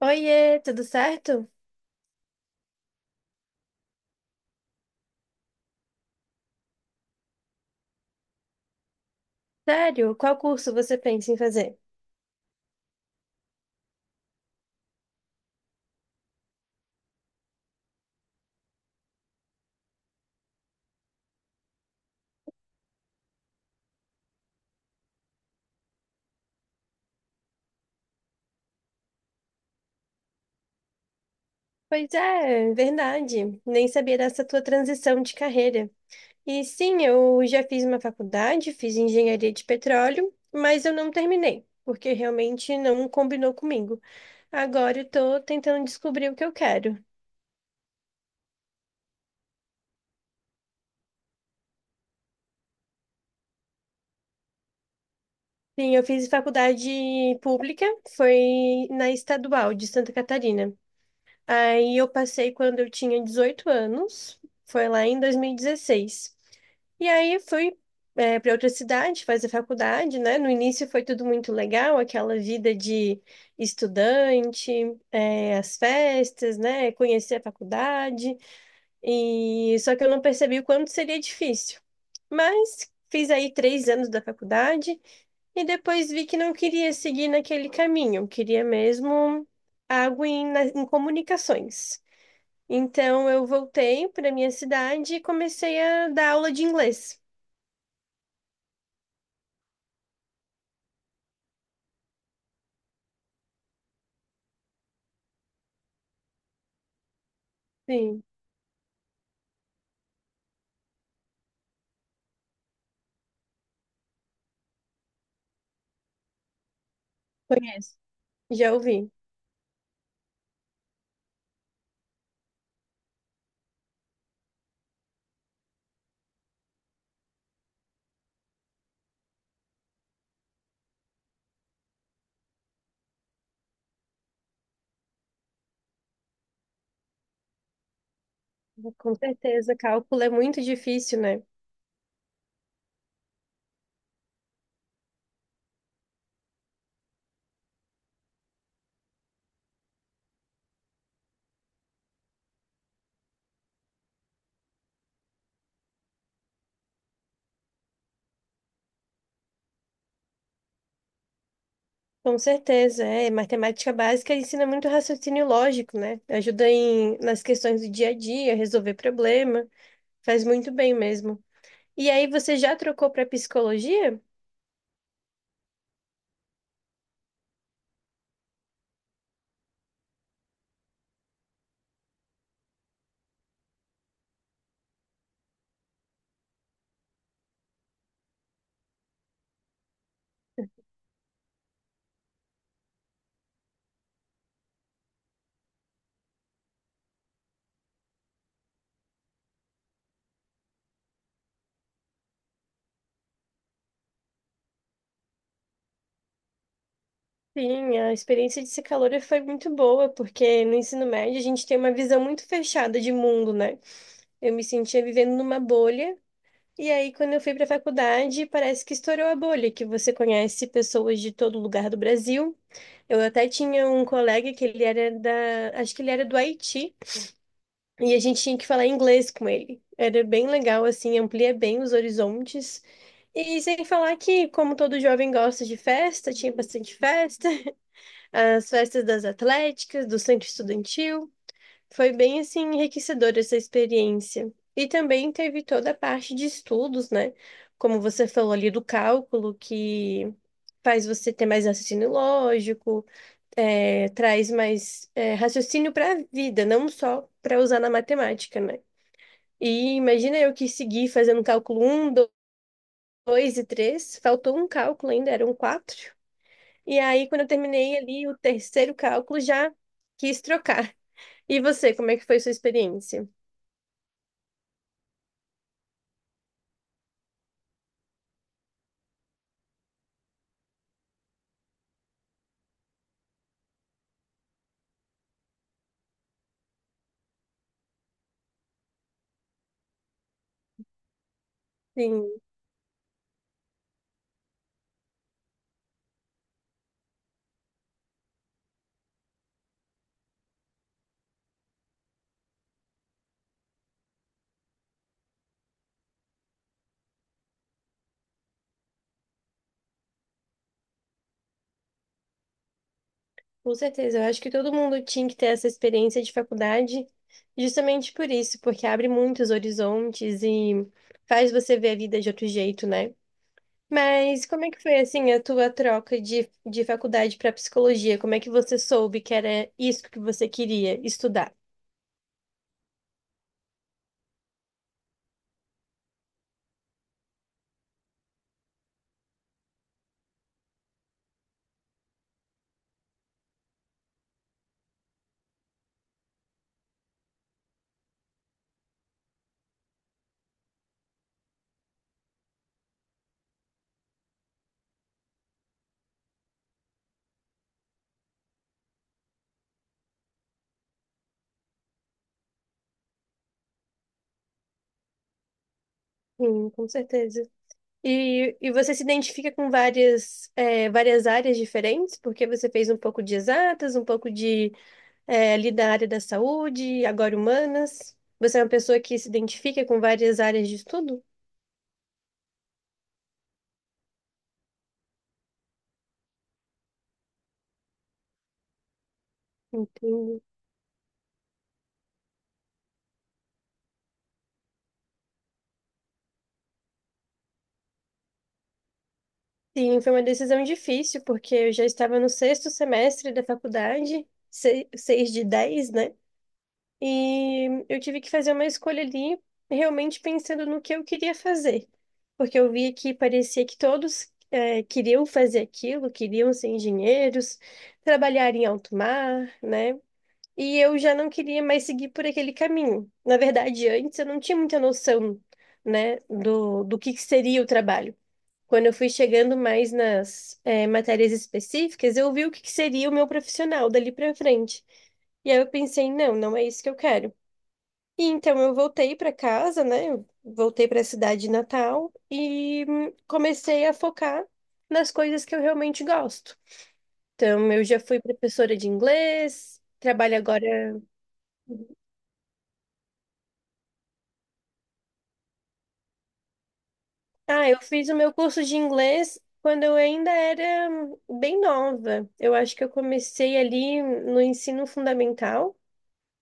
Oiê, tudo certo? Sério, qual curso você pensa em fazer? Pois é, verdade. Nem sabia dessa tua transição de carreira. E sim, eu já fiz uma faculdade, fiz engenharia de petróleo, mas eu não terminei, porque realmente não combinou comigo. Agora eu tô tentando descobrir o que eu quero. Sim, eu fiz faculdade pública, foi na Estadual de Santa Catarina. Aí eu passei quando eu tinha 18 anos, foi lá em 2016. E 16. E aí fui para outra cidade fazer faculdade, né? No início foi tudo muito legal, aquela vida de estudante, as festas, né? Conhecer a faculdade. E só que eu não percebi o quanto seria difícil. Mas fiz aí 3 anos da faculdade e depois vi que não queria seguir naquele caminho, eu queria mesmo algo em comunicações. Então eu voltei para minha cidade e comecei a dar aula de inglês. Sim, conheço. Já ouvi. Com certeza, cálculo é muito difícil, né? Com certeza, é. Matemática básica ensina muito raciocínio lógico, né? Ajuda nas questões do dia a dia, resolver problema. Faz muito bem mesmo. E aí, você já trocou para psicologia? Sim, a experiência de psicologia foi muito boa, porque no ensino médio a gente tem uma visão muito fechada de mundo, né? Eu me sentia vivendo numa bolha. E aí, quando eu fui para a faculdade, parece que estourou a bolha, que você conhece pessoas de todo lugar do Brasil. Eu até tinha um colega que ele era da, acho que ele era do Haiti, e a gente tinha que falar inglês com ele. Era bem legal, assim, amplia bem os horizontes. E sem falar que, como todo jovem gosta de festa, tinha bastante festa, as festas das atléticas, do centro estudantil. Foi bem assim enriquecedora essa experiência. E também teve toda a parte de estudos, né? Como você falou ali do cálculo, que faz você ter mais raciocínio lógico, traz mais raciocínio para a vida, não só para usar na matemática, né? E imagina eu que segui fazendo cálculo um, 2 e três, faltou um cálculo ainda, eram quatro. E aí, quando eu terminei ali o terceiro cálculo, já quis trocar. E você, como é que foi sua experiência? Sim. Com certeza, eu acho que todo mundo tinha que ter essa experiência de faculdade, justamente por isso, porque abre muitos horizontes e faz você ver a vida de outro jeito, né? Mas como é que foi assim a tua troca de faculdade para psicologia? Como é que você soube que era isso que você queria estudar? Sim, com certeza. E você se identifica com várias, várias áreas diferentes, porque você fez um pouco de exatas, um pouco de ali da área da saúde, agora humanas. Você é uma pessoa que se identifica com várias áreas de estudo? Entendo. Sim, foi uma decisão difícil, porque eu já estava no sexto semestre da faculdade, 6 de 10, né? E eu tive que fazer uma escolha ali, realmente pensando no que eu queria fazer. Porque eu via que parecia que todos, queriam fazer aquilo, queriam ser engenheiros, trabalhar em alto mar, né? E eu já não queria mais seguir por aquele caminho. Na verdade, antes eu não tinha muita noção, né, do que seria o trabalho. Quando eu fui chegando mais nas matérias específicas, eu vi o que que seria o meu profissional dali para frente. E aí eu pensei, não, não é isso que eu quero. E então eu voltei para casa, né, eu voltei para a cidade natal e comecei a focar nas coisas que eu realmente gosto. Então, eu já fui professora de inglês, trabalho agora. Ah, eu fiz o meu curso de inglês quando eu ainda era bem nova. Eu acho que eu comecei ali no ensino fundamental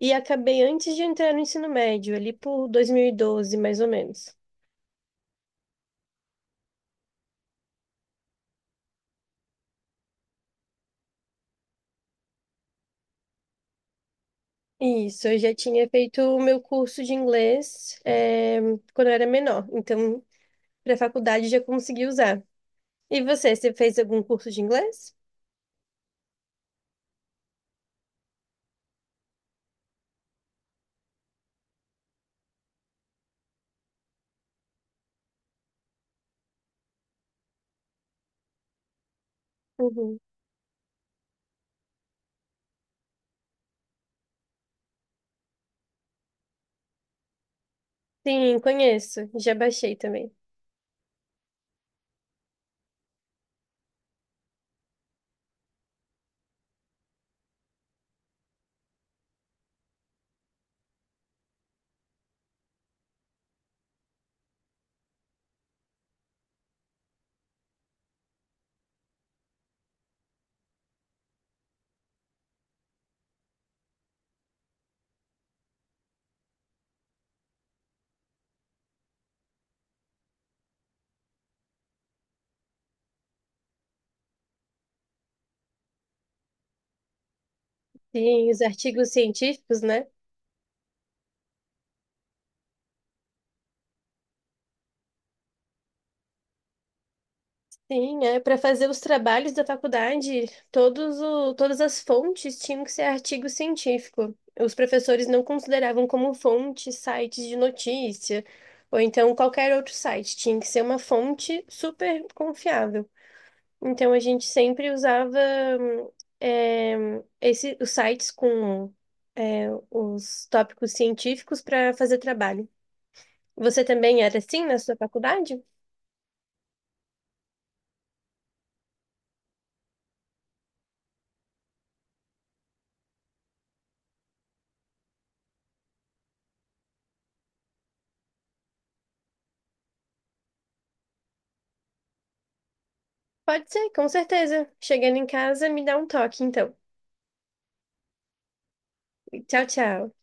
e acabei antes de entrar no ensino médio, ali por 2012, mais ou menos. Isso, eu já tinha feito o meu curso de inglês, quando eu era menor, então para a faculdade já consegui usar. E você, você fez algum curso de inglês? Uhum. Sim, conheço. Já baixei também. Sim, os artigos científicos, né? Sim, é para fazer os trabalhos da faculdade, todas as fontes tinham que ser artigo científico. Os professores não consideravam como fonte sites de notícia, ou então qualquer outro site, tinha que ser uma fonte super confiável. Então a gente sempre usava hum, os sites com os tópicos científicos para fazer trabalho. Você também era assim na sua faculdade? Pode ser, com certeza. Chegando em casa, me dá um toque, então. Tchau, tchau.